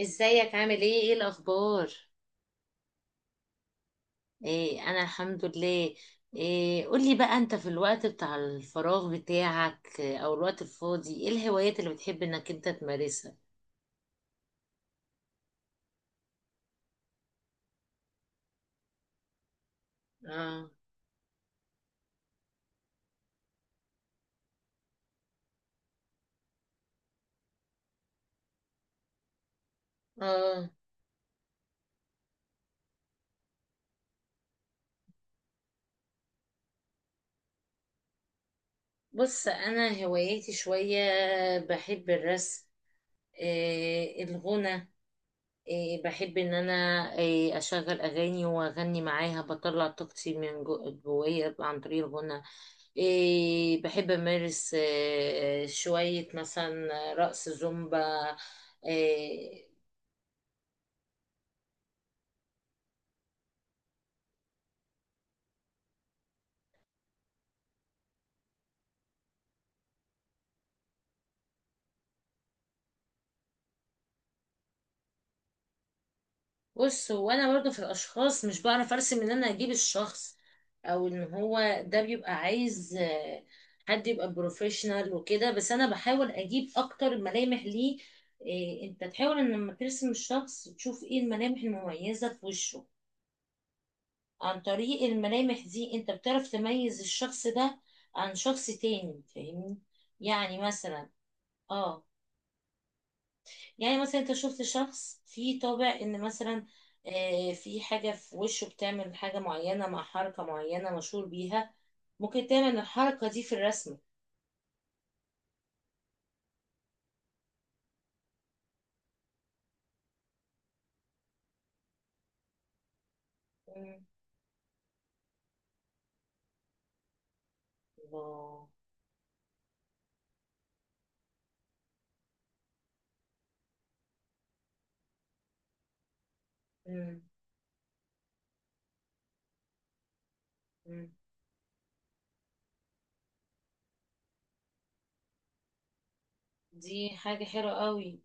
ازيك؟ عامل ايه الاخبار؟ ايه انا الحمد لله. إيه، قولي بقى انت في الوقت بتاع الفراغ بتاعك، او الوقت الفاضي، ايه الهوايات اللي بتحب انك انت تمارسها؟ اه، اه، بص انا هواياتي شوية. بحب الرسم، إيه الغنى، إيه بحب ان انا، إيه اشغل اغاني واغني معاها، بطلع طاقتي من جوايا عن طريق الغنى. إيه بحب أمارس إيه شوية مثلا رقص زومبا. إيه. بص هو أنا برضو في الأشخاص مش بعرف أرسم إن أنا أجيب الشخص، أو إن هو ده بيبقى عايز حد يبقى بروفيشنال وكده، بس أنا بحاول أجيب أكتر ملامح ليه. إيه، أنت تحاول إن لما ترسم الشخص تشوف إيه الملامح المميزة في وشه. عن طريق الملامح دي انت بتعرف تميز الشخص ده عن شخص تاني، فاهمني يعني؟ مثلا، اه، يعني مثلا انت شفت شخص فيه طابع ان مثلا في حاجة في وشه بتعمل حاجة معينة مع حركة معينة مشهور بيها، ممكن تعمل الحركة دي في الرسمة. مم. الله. مم. مم. دي حاجة حلوة قوي.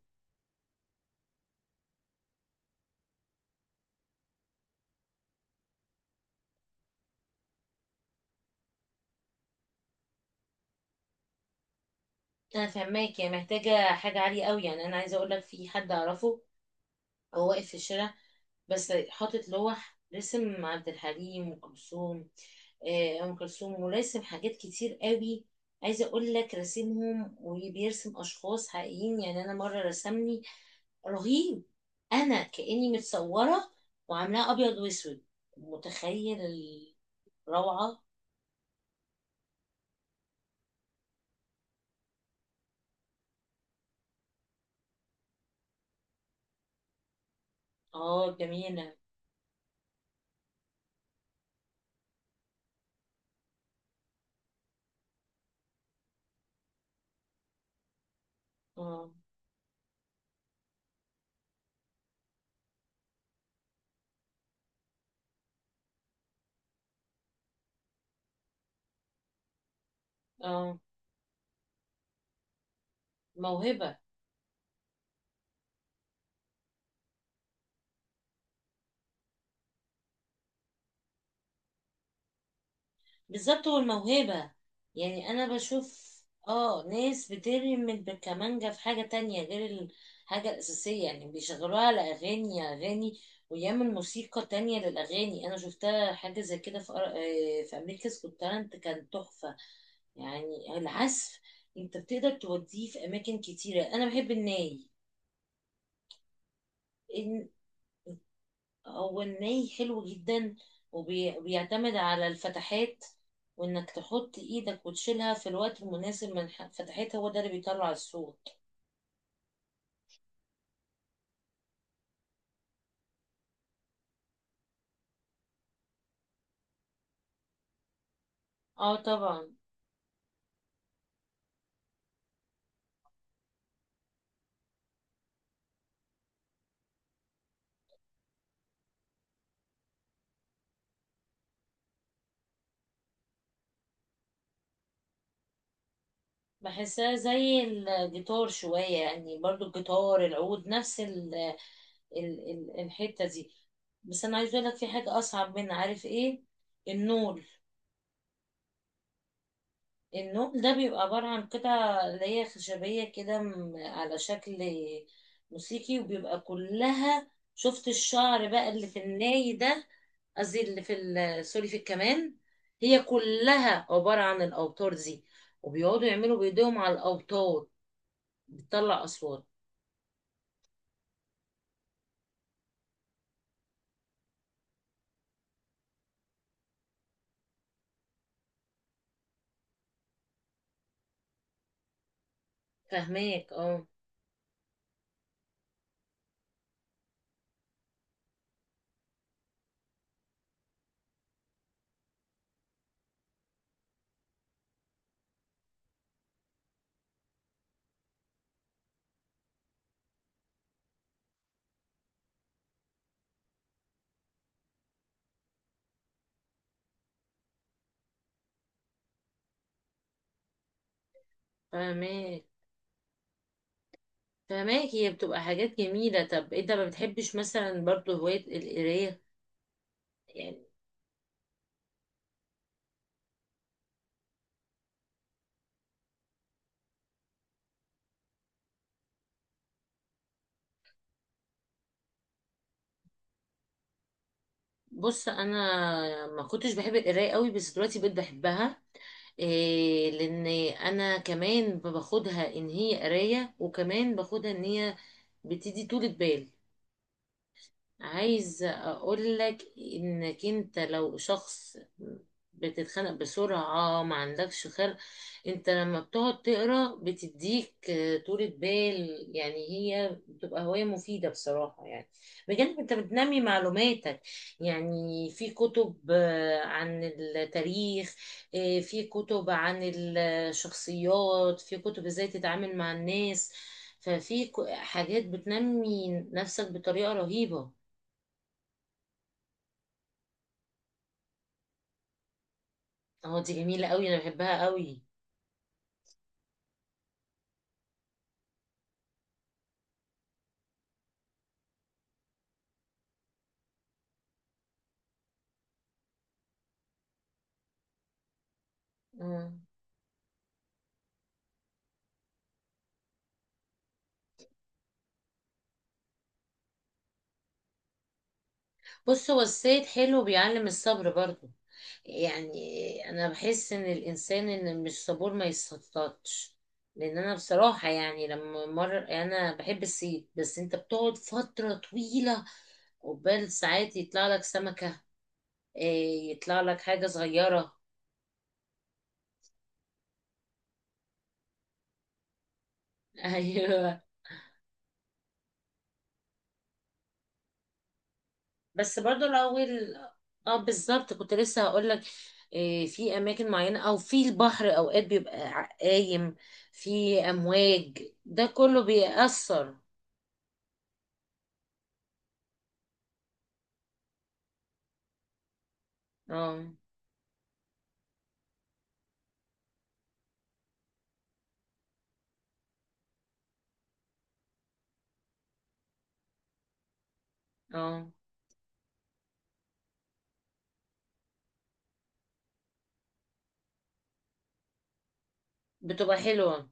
انا فهماك، يعني محتاجة حاجة عالية قوي. يعني انا عايزة اقول لك في حد اعرفه، هو واقف في الشارع بس حاطط لوح، رسم عبد الحليم وأم كلثوم، أم كلثوم، وراسم حاجات كتير قوي. عايزة أقول لك راسمهم وبيرسم أشخاص حقيقيين. يعني أنا مرة رسمني رهيب، أنا كأني متصورة، وعاملاها أبيض وأسود، متخيل؟ الروعة. اه جميلة. اه، اه، موهبة. بالظبط، هو الموهبة. يعني انا بشوف اه ناس بترمي بالكمانجة في حاجة تانية غير الحاجة الأساسية، يعني بيشغلوها على أغاني، أغاني ويعمل موسيقى تانية للأغاني. أنا شفتها حاجة زي كده في في أمريكا's Got Talent، كان تحفة. يعني العزف أنت بتقدر توديه في أماكن كتيرة. أنا بحب الناي، هو الني حلو جدا، وبيعتمد على الفتحات، وانك تحط ايدك وتشيلها في الوقت المناسب من فتحتها، هو ده اللي بيطلع الصوت. اه طبعا. بحسها زي الجيتار شوية، يعني برضو الجيتار، العود، نفس ال ال ال الحتة دي. بس انا عايز اقولك في حاجة اصعب منها، عارف ايه؟ النول. النوم ده بيبقى عبارة عن قطع اللي هي خشبية كده، على شكل موسيقي، وبيبقى كلها، شفت الشعر بقى اللي في الناي ده، قصدي اللي في سوري، في الكمان، هي كلها عبارة عن الأوتار دي، وبيقعدوا يعملوا بإيديهم على الأوتار، بتطلع أصوات. فهماك اه. فهماك، فهماك، هي بتبقى حاجات جميلة. طب انت ما بتحبش مثلا برضو هواية القراية يعني؟ بص انا ما كنتش بحب القرايه قوي بس دلوقتي بقيت بحبها. إيه؟ لان انا كمان باخدها ان هي قرايه، وكمان باخدها ان هي بتدي طولة بال. عايز اقول لك، انك انت لو شخص بتتخانق بسرعة، ما عندكش خلق، انت لما بتقعد تقرا بتديك طولة بال. يعني هي بتبقى هواية مفيدة بصراحة، يعني بجانب انت بتنمي معلوماتك. يعني في كتب عن التاريخ، في كتب عن الشخصيات، في كتب ازاي تتعامل مع الناس، ففي حاجات بتنمي نفسك بطريقة رهيبة. اه دي جميلة قوي، انا بحبها قوي. مم. بص هو الصيد حلو، بيعلم الصبر برضو. يعني انا بحس ان الانسان ان مش صبور ما يصطادش. لان انا بصراحة يعني لما مر، انا بحب الصيد بس انت بتقعد فترة طويلة، قبال ساعات يطلع لك سمكة، إيه، يطلع لك حاجة صغيرة. ايوه. بس برضو الاول، اه بالظبط كنت لسه هقول لك، في اماكن معينه، او في البحر اوقات بيبقى قايم في امواج، ده كله بيأثر. اه، اه، بتبقى حلوه،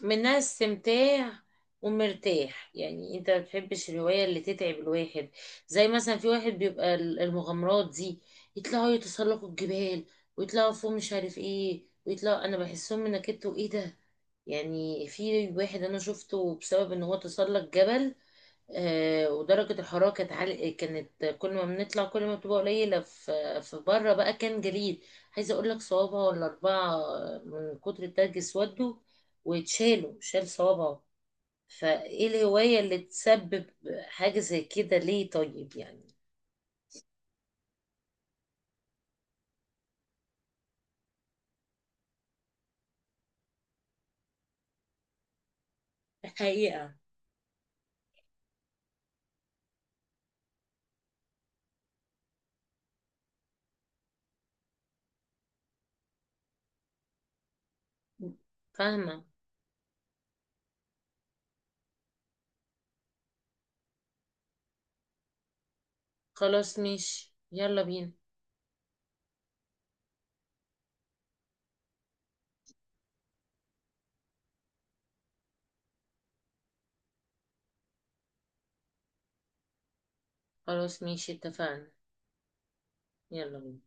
منها استمتاع، ومرتاح. يعني انت ما بتحبش الهوايه اللي تتعب الواحد، زي مثلا في واحد بيبقى المغامرات دي، يطلعوا يتسلقوا الجبال، ويطلعوا فوق مش عارف ايه، ويطلعوا، انا بحسهم من كده، وايه ده يعني؟ في واحد انا شفته بسبب ان هو تسلق جبل، ودرجة الحرارة كانت عالية، كانت كل ما بنطلع كل ما بتبقى قليلة، في بره بقى كان جليد. عايزة اقول لك، صوابعه ولا اربعة من كتر التلج اسودوا، واتشالوا، شال صوابعه. فايه الهواية اللي تسبب حاجة زي كده ليه، طيب يعني؟ حقيقة. فاهمة. خلاص، ماشي، يلا بينا. خلاص، ماشي، اتفقنا. يلا بينا.